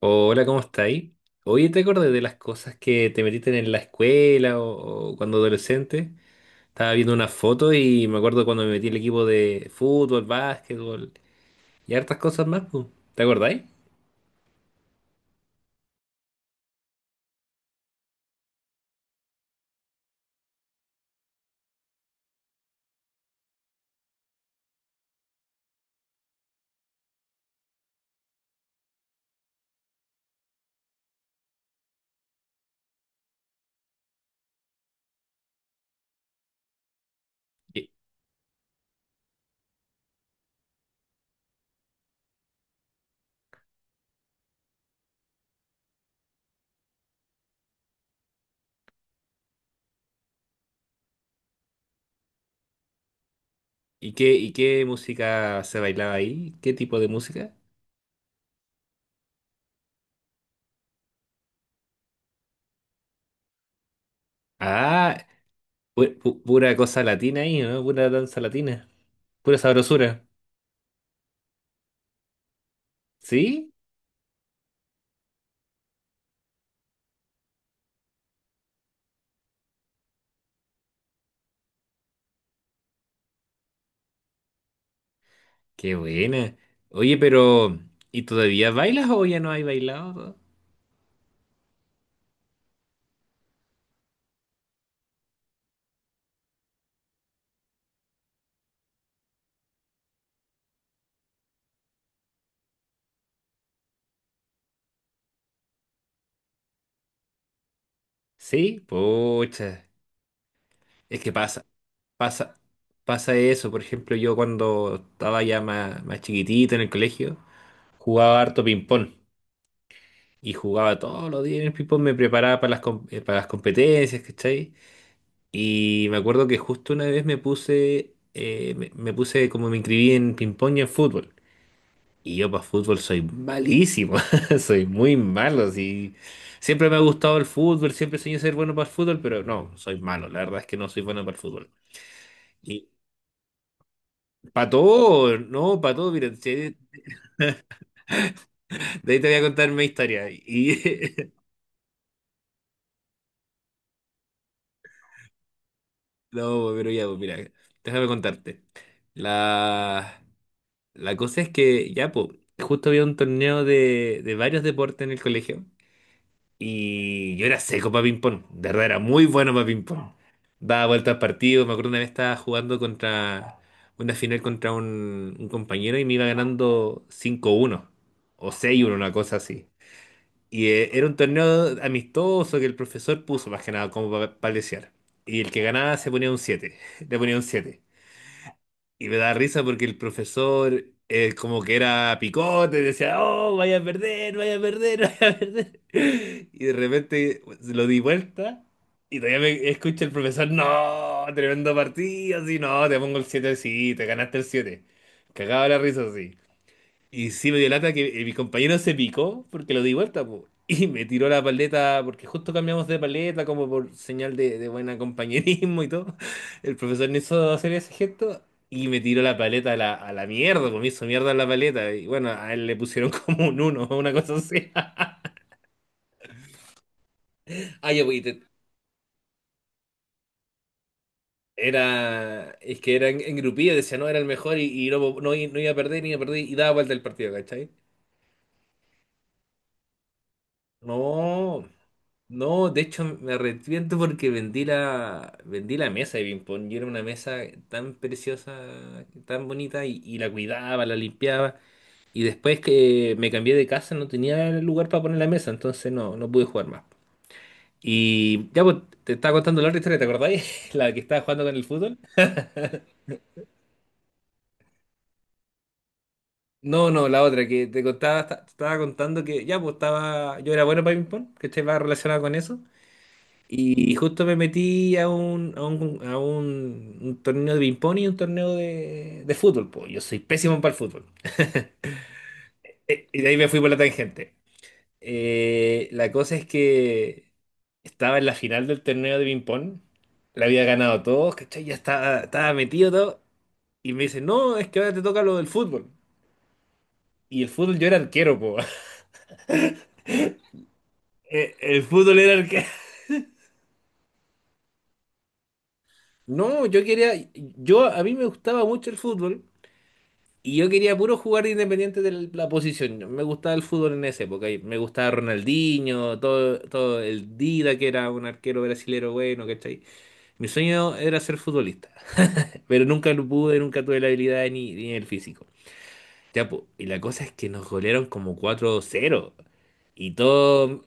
Hola, ¿cómo estáis? Oye, ¿te acordás de las cosas que te metiste en la escuela o cuando adolescente? Estaba viendo una foto y me acuerdo cuando me metí en el equipo de fútbol, básquetbol y hartas cosas más, pu. ¿Te acordáis? ¿Y, y qué música se bailaba ahí? ¿Qué tipo de música? Ah, pura cosa latina ahí, ¿no? Pura danza latina, pura sabrosura. ¿Sí? Qué buena. Oye, pero ¿y todavía bailas o ya no hay bailado? Sí, pocha. Es que pasa, pasa, pasa eso. Por ejemplo, yo cuando estaba ya más, más chiquitito en el colegio, jugaba harto ping-pong. Y jugaba todos los días en el ping-pong, me preparaba para las competencias, ¿cachai? Y me acuerdo que justo una vez me puse como me inscribí en ping-pong y en fútbol. Y yo para fútbol soy malísimo, soy muy malo así. Siempre me ha gustado el fútbol, siempre soñé ser bueno para el fútbol, pero no, soy malo. La verdad es que no soy bueno para el fútbol. Para todo, no, para todo, mira, de ahí te voy a contar mi historia. No, pero ya, pues, mira, déjame contarte. La, la cosa es que, ya, pues, justo había un torneo de varios deportes en el colegio y yo era seco para ping-pong, de verdad era muy bueno para ping-pong. Daba vueltas al partido, me acuerdo una vez estaba jugando contra una final contra un compañero y me iba ganando 5-1 o 6-1 una cosa así. Y era un torneo amistoso que el profesor puso más que nada como para palesear. Y el que ganaba se ponía un siete. Le ponía un siete. Y me da risa porque el profesor como que era picote, decía, oh, vaya a perder, vaya a perder. Y de repente lo di vuelta y todavía me escucha el profesor, no, tremendo partido, sí, no, te pongo el siete, sí, te ganaste el siete. Cagaba la risa, sí. Y sí me dio lata que mi compañero se picó porque lo di vuelta, po. Y me tiró la paleta, porque justo cambiamos de paleta como por señal de buen compañerismo y todo. El profesor no hizo hacer ese gesto y me tiró la paleta a la, mierda, pues me hizo mierda en la paleta. Y bueno, a él le pusieron como un uno, o una cosa así. Ah, ya, pues, era, es que era en, grupillo, decía, no, era el mejor y, no no iba a perder, ni iba a perder y daba vuelta el partido, ¿cachai? No. No, de hecho me arrepiento porque vendí la mesa de ping-pong. Y era una mesa tan preciosa, tan bonita, y la cuidaba, la limpiaba. Y después que me cambié de casa no tenía lugar para poner la mesa, entonces no pude jugar más. Y ya pues, te estaba contando la otra historia, ¿te acordáis? La que estaba jugando con el fútbol. No, no, la otra que te contaba, te estaba contando que ya pues estaba, yo era bueno para ping-pong, que estaba relacionado con eso. Y justo me metí a un torneo de ping-pong y un torneo de fútbol, po. Yo soy pésimo para el fútbol. Y de ahí me fui por la tangente. La cosa es que estaba en la final del torneo de ping-pong. La había ganado todos, ¿cachai? Ya estaba metido todo. Y me dice, no, es que ahora te toca lo del fútbol. Y el fútbol yo era arquero, po. El fútbol era arquero. No, yo quería. A mí me gustaba mucho el fútbol. Y yo quería puro jugar independiente de la posición. Me gustaba el fútbol en esa época, y me gustaba Ronaldinho, todo el Dida, que era un arquero brasilero bueno, ¿cachai? Mi sueño era ser futbolista, pero nunca lo pude, nunca tuve la habilidad ni el físico. Ya, po, y la cosa es que nos golearon como 4-0. Y todo.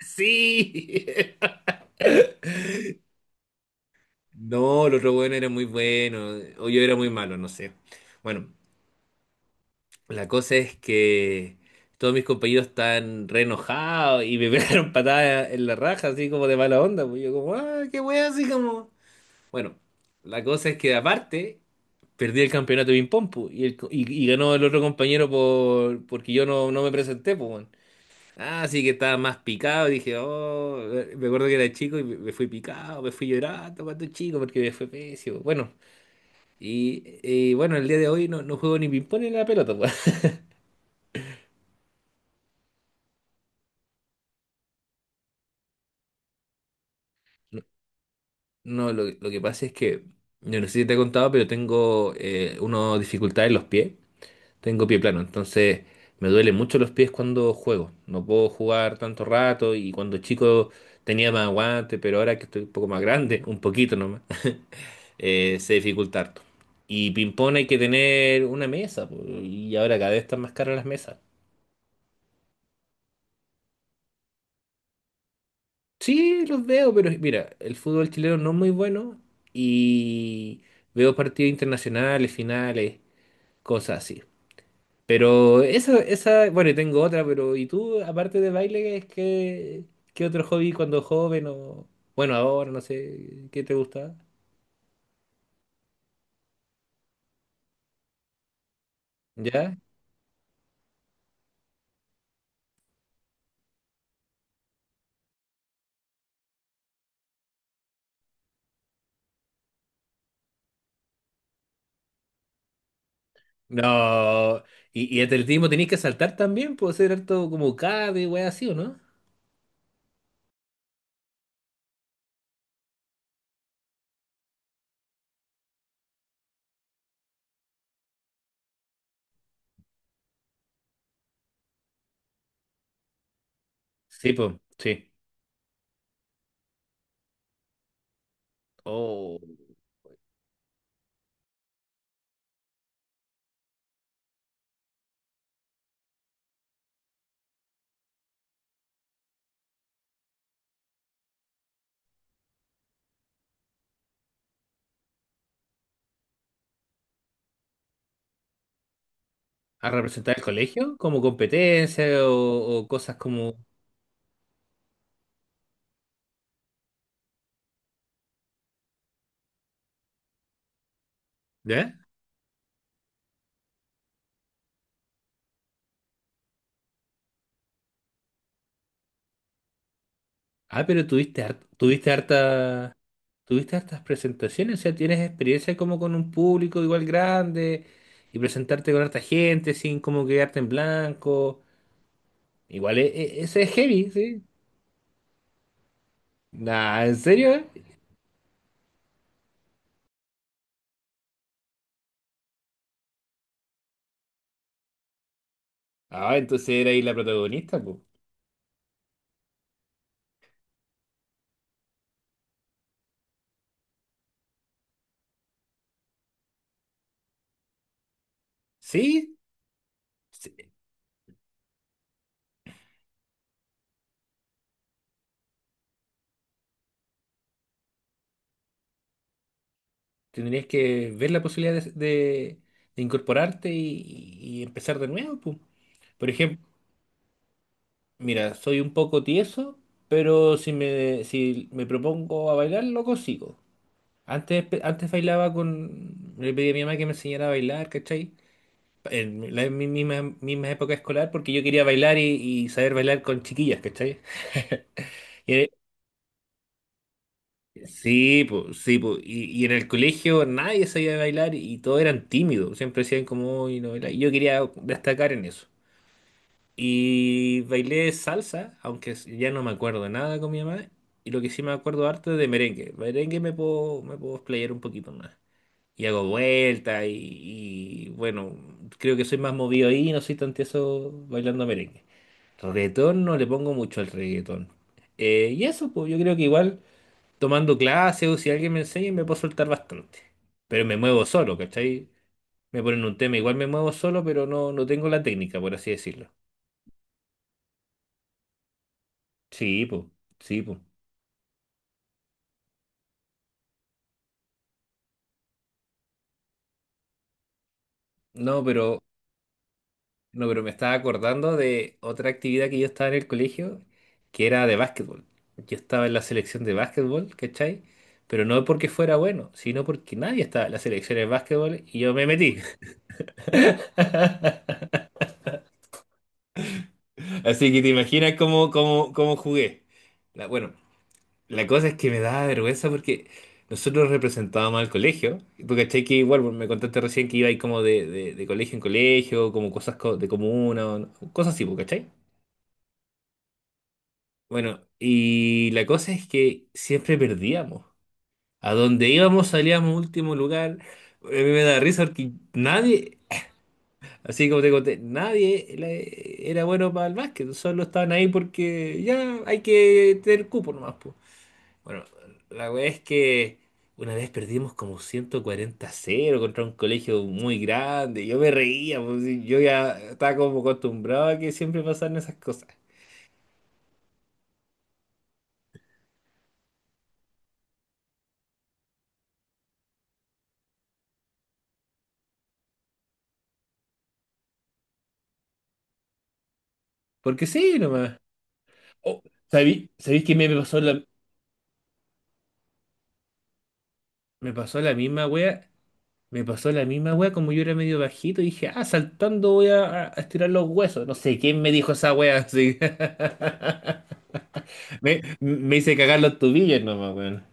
¡Sí! No, los otro bueno era muy bueno, o yo era muy malo, no sé. Bueno, la cosa es que todos mis compañeros están re enojados y me pegaron patadas en la raja, así como de mala onda. Pues yo como, ah, qué wea, así como. Bueno, la cosa es que aparte perdí el campeonato de ping-pong pu, y ganó el otro compañero porque yo no me presenté. Pues, weón. Ah, así que estaba más picado. Dije, oh, me acuerdo que era chico y me fui picado, me fui llorando cuando chico porque me fue pésimo. Bueno, y bueno, el día de hoy no, no juego ni ping-pong ni la pelota, pues. No, lo que pasa es que, yo no sé si te he contado, pero tengo una dificultad en los pies. Tengo pie plano, entonces me duelen mucho los pies cuando juego. No puedo jugar tanto rato y cuando chico tenía más aguante, pero ahora que estoy un poco más grande, un poquito nomás, se dificulta harto. Y ping-pong hay que tener una mesa, po, y ahora cada vez están más caras las mesas. Sí, los veo, pero mira, el fútbol chileno no es muy bueno y veo partidos internacionales, finales, cosas así. Pero bueno, y tengo otra, pero ¿y tú, aparte de baile, es que, qué otro hobby cuando joven o, bueno, ahora, no sé, qué te gusta? ¿Ya? No, y atletismo tenéis que saltar también, puede ser harto como CAD y así, ¿o no? Sí, pues, sí. O a representar el colegio como competencia o cosas como, ¿ya? Ah, pero tuviste harta. ¿Tuviste hartas presentaciones? O sea, ¿tienes experiencia como con un público igual grande y presentarte con harta gente sin como quedarte en blanco? Igual ese es heavy, ¿sí? Nah, ¿en serio? ¿Eh? Ah, entonces era ahí la protagonista, pues. Sí, sí, tendrías que ver la posibilidad de incorporarte y empezar de nuevo, pues. Por ejemplo, mira, soy un poco tieso, pero si me propongo a bailar, lo consigo. Antes, antes bailaba con. Le pedí a mi mamá que me enseñara a bailar, ¿cachai? En la misma época escolar, porque yo quería bailar y saber bailar con chiquillas, ¿cachai? Y en sí, pues, sí, pues. Y en el colegio nadie sabía bailar y todos eran tímidos. Siempre decían como, "Uy, no baila". Y yo quería destacar en eso. Y bailé salsa, aunque ya no me acuerdo nada con mi mamá. Y lo que sí me acuerdo harto es de merengue. Merengue me puedo explayar un poquito más. Y hago vueltas y, bueno, creo que soy más movido ahí, no soy tan tieso bailando merengue. Reggaetón no le pongo mucho al reggaetón. Y eso, pues yo creo que igual tomando clases o si alguien me enseña me puedo soltar bastante. Pero me muevo solo, ¿cachai? Me ponen un tema, igual me muevo solo, pero no tengo la técnica, por así decirlo. Sí, pues, sí, pues. No, pero No, pero me estaba acordando de otra actividad que yo estaba en el colegio, que era de básquetbol. Yo estaba en la selección de básquetbol, ¿cachai? Pero no porque fuera bueno, sino porque nadie estaba en la selección de básquetbol y yo me metí. Así que te imaginas cómo jugué. Bueno, la cosa es que me daba vergüenza porque nosotros representábamos al colegio. Porque, ¿cachai? Que igual bueno, me contaste recién que iba ahí como de, de colegio en colegio, como cosas de comuna, o no- cosas así, pues, ¿cachai? Bueno, y la cosa es que siempre perdíamos. A donde íbamos salíamos último lugar. A mí me da risa porque nadie, así como te conté, nadie era bueno para el básquet. Solo estaban ahí porque ya hay que tener cupo nomás, po. Bueno, la verdad es que una vez perdimos como 140-0 contra un colegio muy grande. Yo me reía, pues, y yo ya estaba como acostumbrado a que siempre pasaran esas cosas. Porque sí, nomás. Oh, ¿sabéis que me pasó la, misma wea? Me pasó la misma wea, como yo era medio bajito, dije, ah, saltando voy a estirar los huesos. No sé quién me dijo esa wea, así. Me hice cagar los tubillos nomás, weón.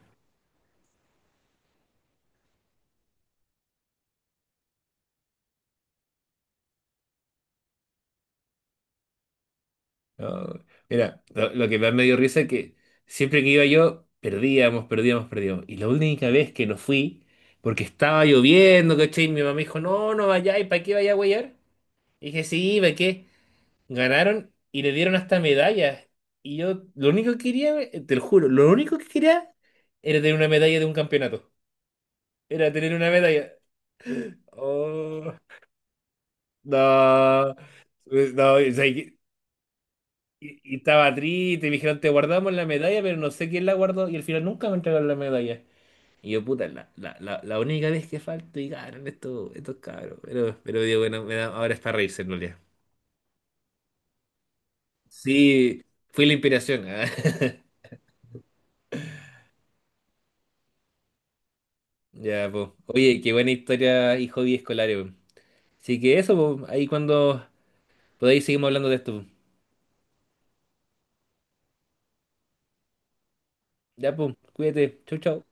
No, mira, lo que más me dio risa es que siempre que iba yo, perdíamos, perdíamos, perdíamos. Y la única vez que no fui, porque estaba lloviendo, ¿cachai? Mi mamá me dijo, no, no vayáis, ¿para qué vaya a huear? Y dije, sí, ¿para qué? Ganaron y le dieron hasta medallas. Y yo lo único que quería, te lo juro, lo único que quería era tener una medalla de un campeonato. Era tener una medalla. Oh, no. No, o sea, y estaba triste, y me dijeron, te guardamos la medalla, pero no sé quién la guardó, y al final nunca me entregaron la medalla. Y yo, puta, la única vez que falto y ganan estos cabros. Pero digo, bueno, ahora es para reírse en realidad. Sí, fui la inspiración. Ah. Ya, pues. Oye, qué buena historia y hobby escolar, weón. Así que eso, po. Ahí cuando podáis seguimos hablando de esto, po. Ya, pues. Cuídate. Chau, chau.